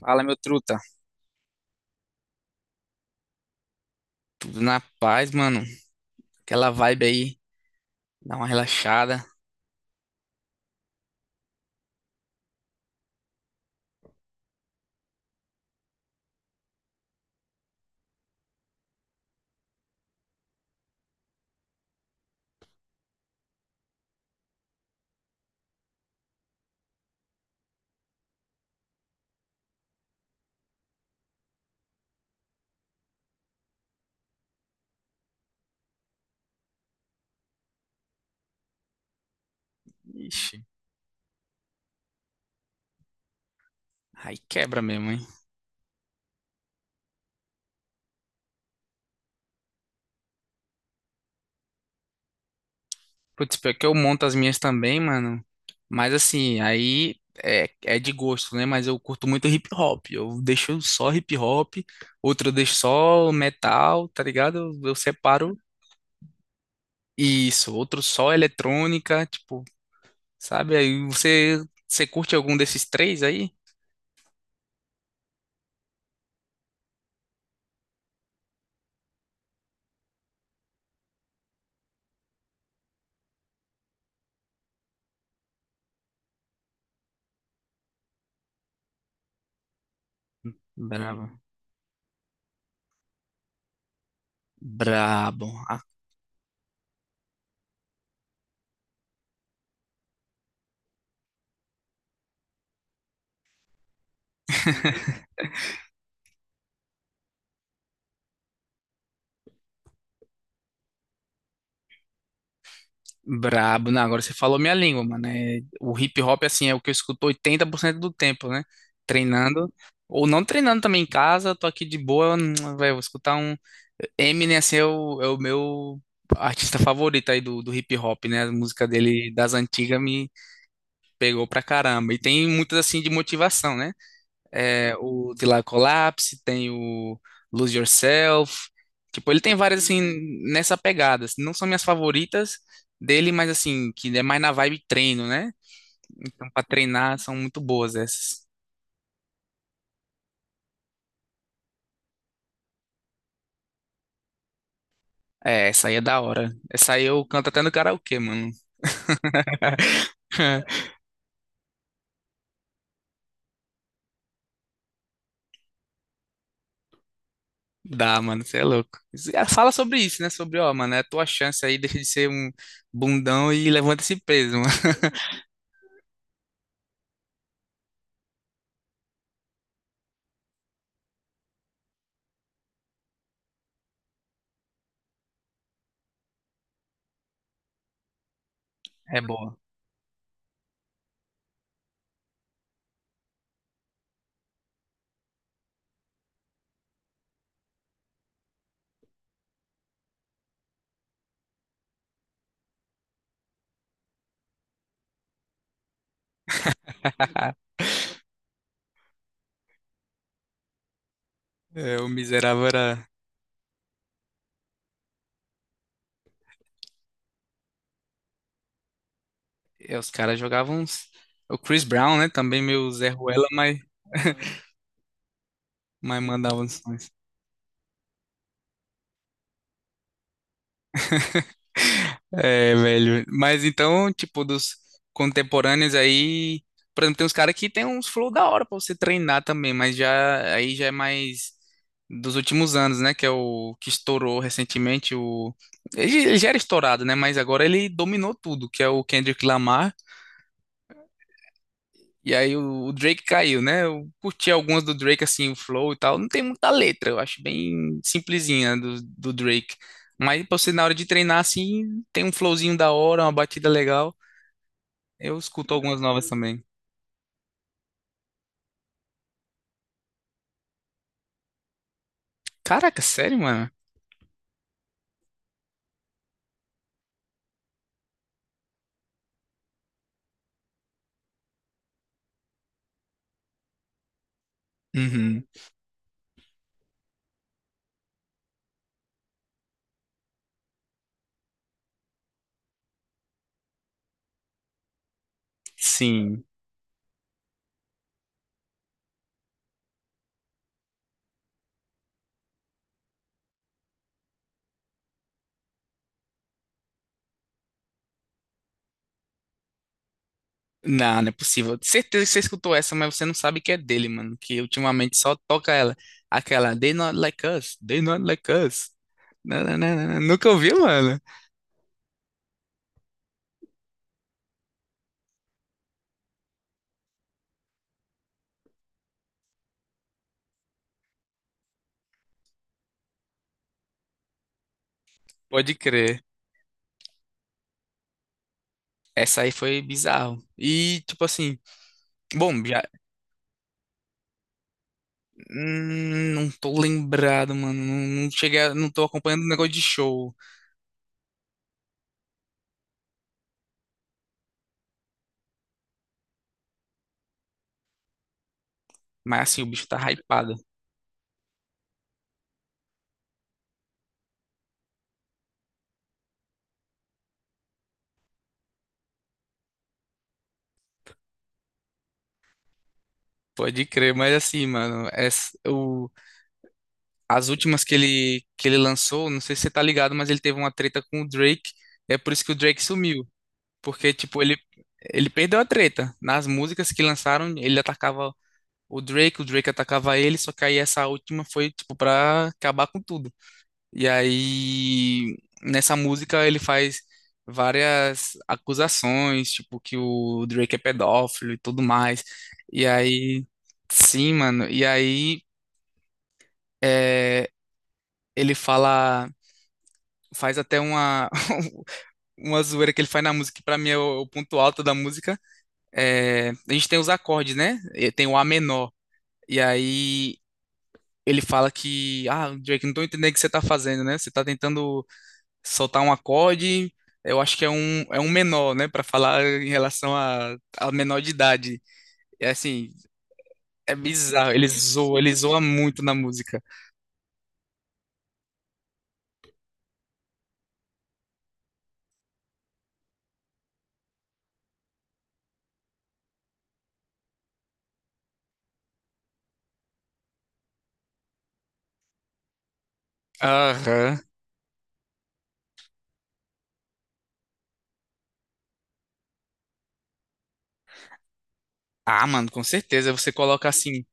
Fala, meu truta. Tudo na paz, mano. Aquela vibe aí, dá uma relaxada. Ixi, aí quebra mesmo, hein? Putz, pior que eu monto as minhas também, mano. Mas assim, aí é de gosto, né? Mas eu curto muito hip hop. Eu deixo só hip hop, outro eu deixo só metal, tá ligado? Eu separo isso, outro só eletrônica, tipo, sabe? Aí você curte algum desses três aí? Bravo Brabo. Ah, Brabo, não, agora você falou minha língua, mano. É, o hip hop, assim, é o que eu escuto 80% do tempo, né? Treinando, ou não treinando também em casa, eu tô aqui de boa, velho, vou escutar um. Eminem, assim, é o meu artista favorito aí do hip hop, né? A música dele das antigas me pegou pra caramba. E tem muitas, assim, de motivação, né? É, o De La Collapse, tem o Lose Yourself. Tipo, ele tem várias, assim, nessa pegada, assim. Não são minhas favoritas dele, mas, assim, que é mais na vibe treino, né? Então, pra treinar, são muito boas essas. É, essa aí é da hora. Essa aí eu canto até no karaokê, mano. Dá, mano, você é louco. Ah, fala sobre isso, né? Sobre, ó, mano, é a tua chance aí, deixa de ser um bundão e levanta esse peso, mano. É boa. É, o miserável era. É, os caras jogavam uns... O Chris Brown, né? Também meio Zé Ruela, mas, mandava uns sons. É, velho. Mas então, tipo, dos contemporâneos aí... Por exemplo, tem uns caras que tem uns flow da hora pra você treinar também, mas já aí já é mais dos últimos anos, né? Que é o que estourou recentemente. O... Ele já era estourado, né? Mas agora ele dominou tudo, que é o Kendrick Lamar. E aí o Drake caiu, né? Eu curti algumas do Drake, assim, o flow e tal. Não tem muita letra, eu acho bem simplesinha do Drake. Mas pra você, na hora de treinar, assim, tem um flowzinho da hora, uma batida legal. Eu escuto algumas novas também. Caraca, sério, mano? Uhum. Sim. Não, não é possível. Certeza que você escutou essa, mas você não sabe que é dele, mano. Que ultimamente só toca ela. Aquela They Not Like Us, They Not Like Us. Não, não, não, não. Nunca ouviu, mano? Pode crer. Essa aí foi bizarro. E, tipo assim, bom, já. Não tô lembrado, mano. Não, não cheguei, não tô acompanhando o negócio de show. Mas, assim, o bicho tá hypado. Pode crer, mas assim, mano, as últimas que ele lançou, não sei se você tá ligado, mas ele teve uma treta com o Drake. É por isso que o Drake sumiu. Porque, tipo, ele perdeu a treta. Nas músicas que lançaram, ele atacava o Drake atacava ele, só que aí essa última foi, tipo, pra acabar com tudo. E aí, nessa música, ele faz várias acusações, tipo, que o Drake é pedófilo e tudo mais. E aí, sim, mano. E aí, é, ele fala, faz até uma, uma zoeira que ele faz na música, que pra mim é o ponto alto da música. É, a gente tem os acordes, né? E tem o A menor. E aí. Ele fala que, ah, Drake, não tô entendendo o que você tá fazendo, né? Você tá tentando soltar um acorde, eu acho que é um menor, né? Pra falar em relação a menor de idade. É assim, é bizarro. Ele zoa muito na música. Aham. Ah, mano, com certeza. Você coloca assim,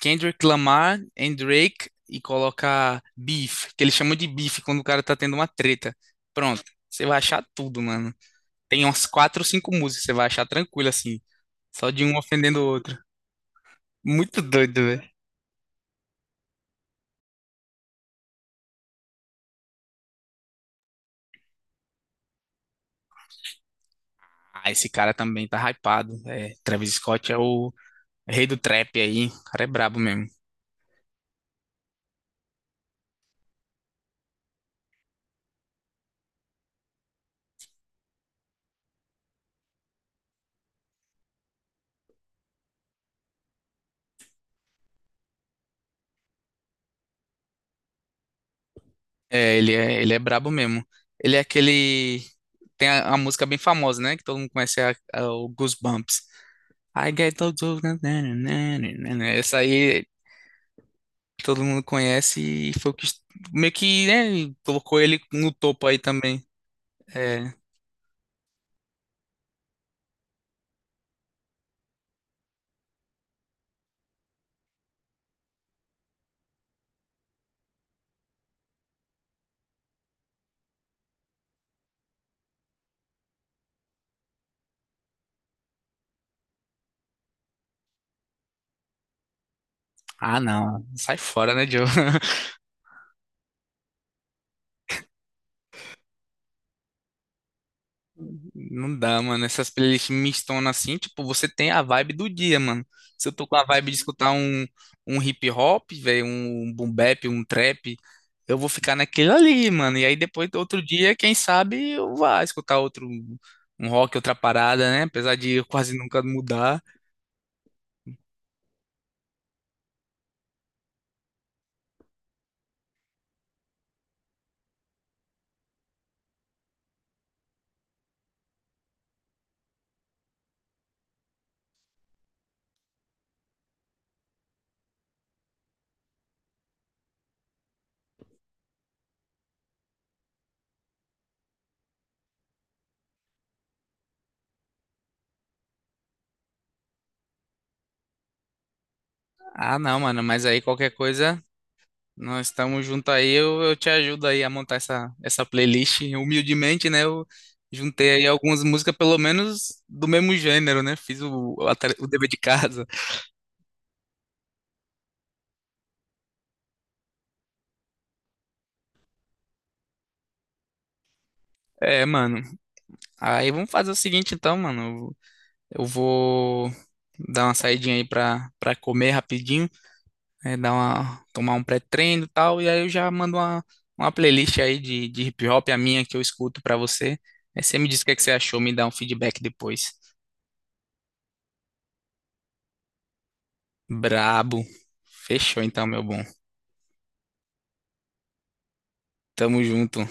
Kendrick Lamar and Drake e coloca beef, que eles chamam de beef quando o cara tá tendo uma treta. Pronto, você vai achar tudo, mano. Tem umas quatro ou cinco músicas, você vai achar tranquilo assim, só de um ofendendo o outro. Muito doido. Ah, esse cara também tá hypado. É, Travis Scott é o rei do trap aí. O cara é brabo mesmo. É, ele é brabo mesmo. Ele é aquele. Tem a música bem famosa, né? Que todo mundo conhece, é o Goosebumps. I get those. Essa aí todo mundo conhece e foi o que meio que, né? Colocou ele no topo aí também. É. Ah, não. Sai fora, né, Joe? Não dá, mano. Essas playlists mistonas assim, tipo, você tem a vibe do dia, mano. Se eu tô com a vibe de escutar um hip hop, velho, um boom bap, um trap, eu vou ficar naquele ali, mano. E aí depois, outro dia, quem sabe, eu vá escutar outro, um rock, outra parada, né? Apesar de eu quase nunca mudar. Ah, não, mano, mas aí qualquer coisa. Nós estamos juntos aí, eu te ajudo aí a montar essa playlist. Humildemente, né? Eu juntei aí algumas músicas, pelo menos do mesmo gênero, né? Fiz o dever de casa. É, mano. Aí vamos fazer o seguinte então, mano. Eu vou dar uma saidinha aí pra comer rapidinho, né, dar uma, tomar um pré-treino e tal. E aí eu já mando uma playlist aí de hip hop, a minha que eu escuto pra você. Aí você me diz o que é que você achou, me dá um feedback depois. Brabo. Fechou então, meu bom. Tamo junto.